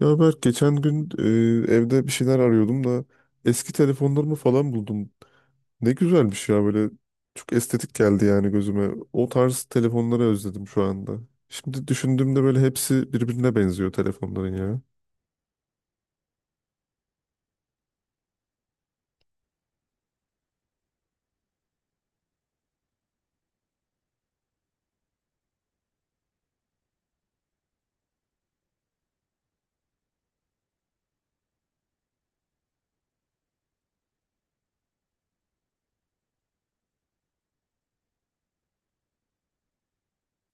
Ya Berk geçen gün evde bir şeyler arıyordum da eski telefonlarımı falan buldum. Ne güzelmiş ya, böyle çok estetik geldi yani gözüme. O tarz telefonları özledim şu anda. Şimdi düşündüğümde böyle hepsi birbirine benziyor telefonların ya.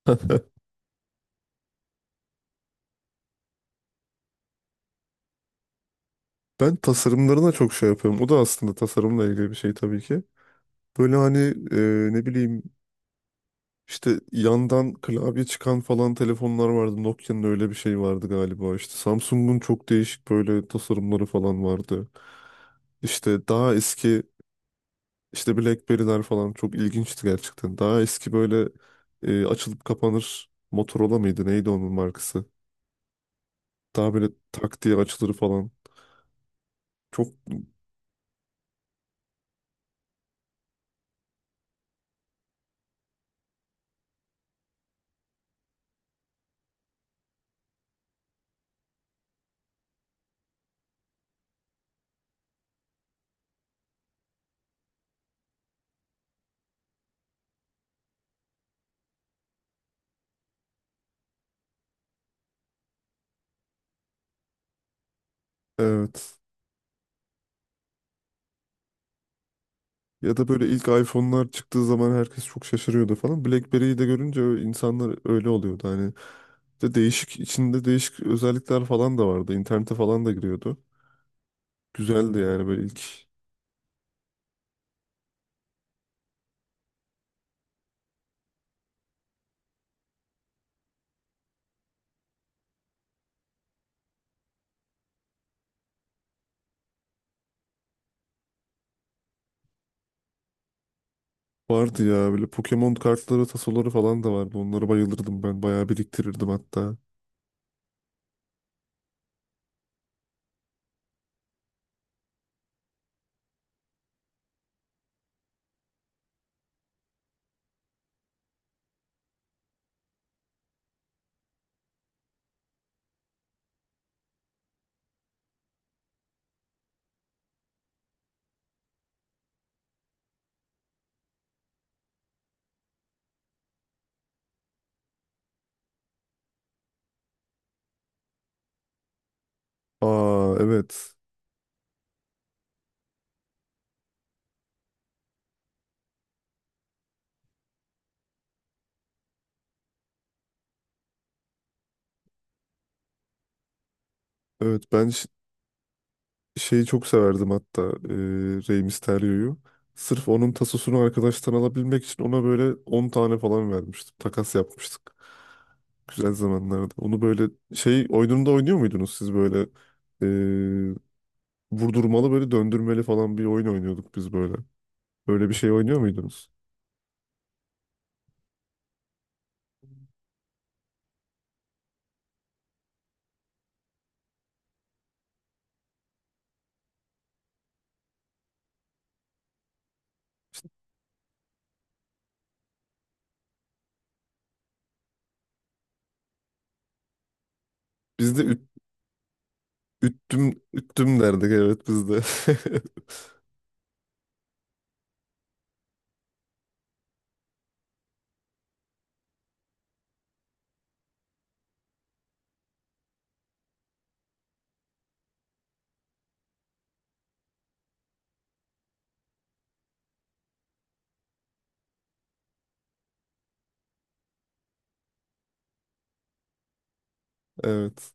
Ben tasarımlarına çok şey yapıyorum. O da aslında tasarımla ilgili bir şey tabii ki. Böyle hani, ne bileyim, İşte yandan klavye çıkan falan telefonlar vardı. Nokia'nın öyle bir şey vardı galiba. İşte Samsung'un çok değişik böyle tasarımları falan vardı. İşte daha eski, işte BlackBerry'ler falan çok ilginçti gerçekten. Daha eski böyle açılıp kapanır Motorola mıydı? Neydi onun markası? Daha böyle tak diye açılır falan. Çok evet. Ya da böyle ilk iPhone'lar çıktığı zaman herkes çok şaşırıyordu falan. BlackBerry'yi de görünce insanlar öyle oluyordu. Hani de değişik, içinde değişik özellikler falan da vardı. İnternete falan da giriyordu. Güzeldi yani böyle ilk. Vardı ya böyle Pokemon kartları, tasoları falan da vardı. Onlara bayılırdım ben. Bayağı biriktirirdim hatta. Aa, evet. Evet ben ş- şeyi çok severdim hatta. Rey Mysterio'yu. Sırf onun tasosunu arkadaştan alabilmek için ona böyle 10 tane falan vermiştim. Takas yapmıştık. Güzel zamanlardı. Onu böyle şey oyununda oynuyor muydunuz siz, böyle vurdurmalı böyle döndürmeli falan bir oyun oynuyorduk biz böyle. Böyle bir şey oynuyor muydunuz? Biz de üt, üttüm üttüm derdik, evet, biz de. Evet.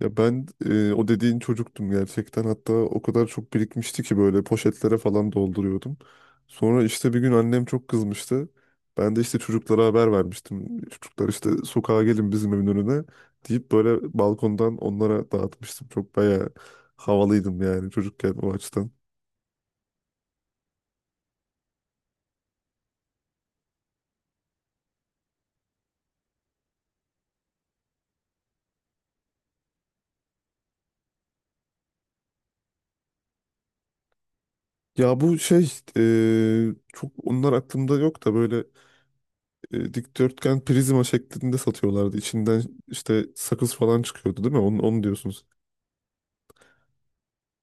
Ya ben, o dediğin çocuktum gerçekten. Hatta o kadar çok birikmişti ki böyle poşetlere falan dolduruyordum. Sonra işte bir gün annem çok kızmıştı. Ben de işte çocuklara haber vermiştim. Çocuklar işte sokağa gelin bizim evin önüne deyip böyle balkondan onlara dağıtmıştım. Çok bayağı havalıydım yani çocukken o açıdan. Ya bu şey, çok onlar aklımda yok da böyle dikdörtgen prizma şeklinde satıyorlardı. İçinden işte sakız falan çıkıyordu değil mi? Onu diyorsunuz.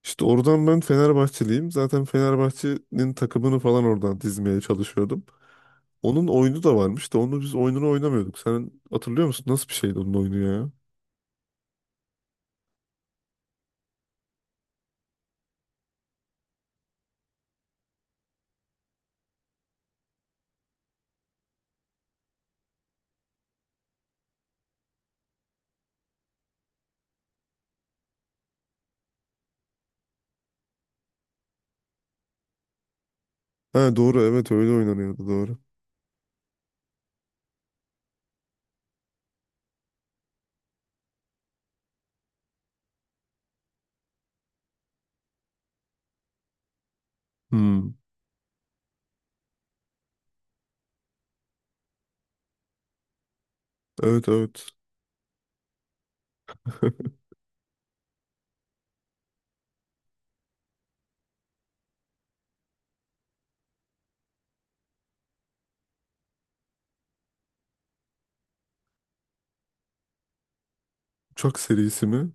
İşte oradan, ben Fenerbahçeliyim. Zaten Fenerbahçe'nin takımını falan oradan dizmeye çalışıyordum. Onun oyunu da varmış da onu biz oyununu oynamıyorduk. Sen hatırlıyor musun? Nasıl bir şeydi onun oyunu ya? Ha doğru, evet, öyle oynanıyordu, doğru. Hmm. Evet, evet. Uçak serisi mi?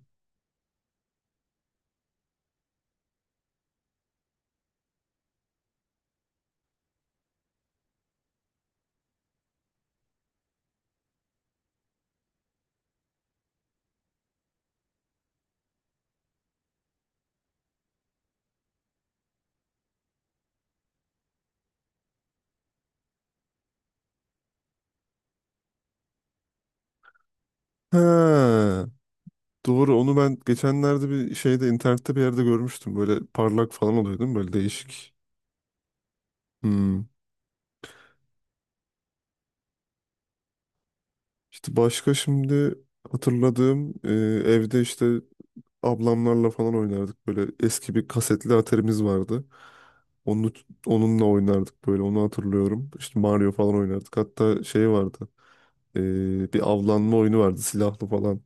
Ha. Doğru, onu ben geçenlerde bir şeyde, internette bir yerde görmüştüm. Böyle parlak falan oluyor değil mi? Böyle değişik. Hmm. İşte başka şimdi hatırladığım, evde işte ablamlarla falan oynardık. Böyle eski bir kasetli atarimiz vardı. Onu, onunla oynardık böyle, onu hatırlıyorum. İşte Mario falan oynardık. Hatta şey vardı, bir avlanma oyunu vardı silahlı falan.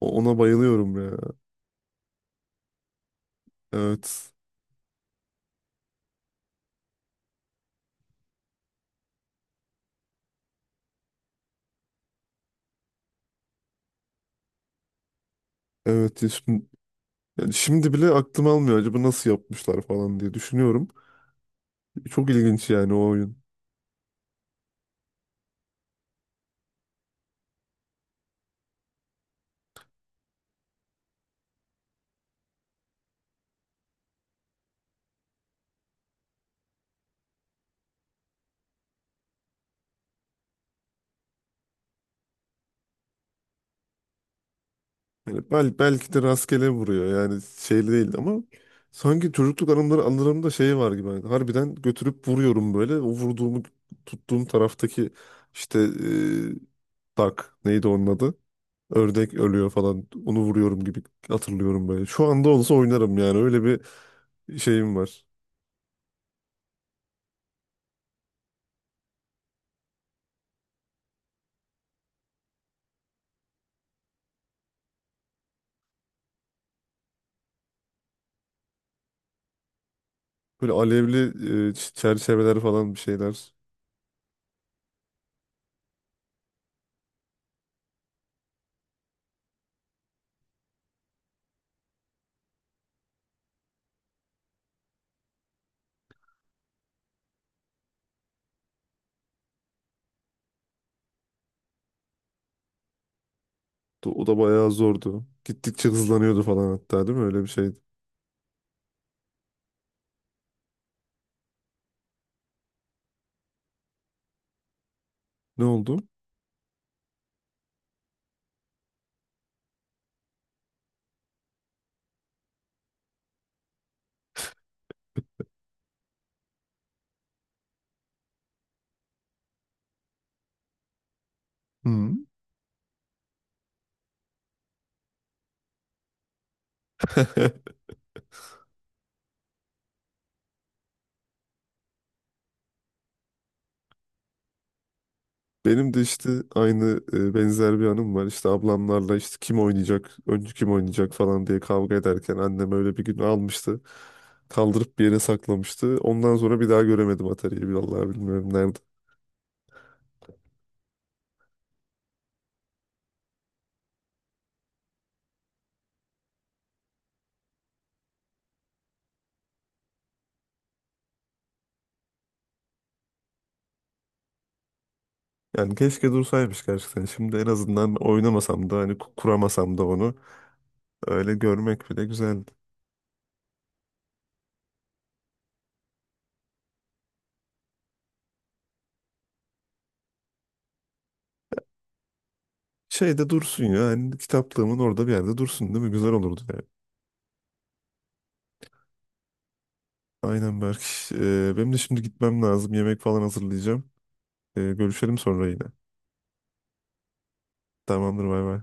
Ona bayılıyorum ya. Evet. Evet. Şimdi, yani şimdi bile aklım almıyor, acaba nasıl yapmışlar falan diye düşünüyorum. Çok ilginç yani o oyun. Yani belki de rastgele vuruyor yani, şeyli değil, ama sanki çocukluk anılarımda şey var gibi. Yani harbiden götürüp vuruyorum böyle. O vurduğumu, tuttuğum taraftaki işte, tak, neydi onun adı? Ördek ölüyor falan. Onu vuruyorum gibi hatırlıyorum böyle. Şu anda olsa oynarım yani, öyle bir şeyim var. Böyle alevli, çerçeveler falan bir şeyler. O da bayağı zordu. Gittikçe hızlanıyordu falan hatta değil mi? Öyle bir şeydi. Ne oldu? Hı. Benim de işte aynı, benzer bir anım var. İşte ablamlarla işte kim oynayacak, önce kim oynayacak falan diye kavga ederken annem öyle bir gün almıştı. Kaldırıp bir yere saklamıştı. Ondan sonra bir daha göremedim Atari'yi. Vallahi bilmiyorum nerede. Yani keşke dursaymış gerçekten. Şimdi en azından oynamasam da, hani kuramasam da, onu öyle görmek bile güzeldi. Şeyde dursun ya. Yani kitaplığımın orada bir yerde dursun, değil mi? Güzel olurdu yani. Aynen Berk. Benim de şimdi gitmem lazım. Yemek falan hazırlayacağım. Görüşelim sonra yine. Tamamdır, bay bay.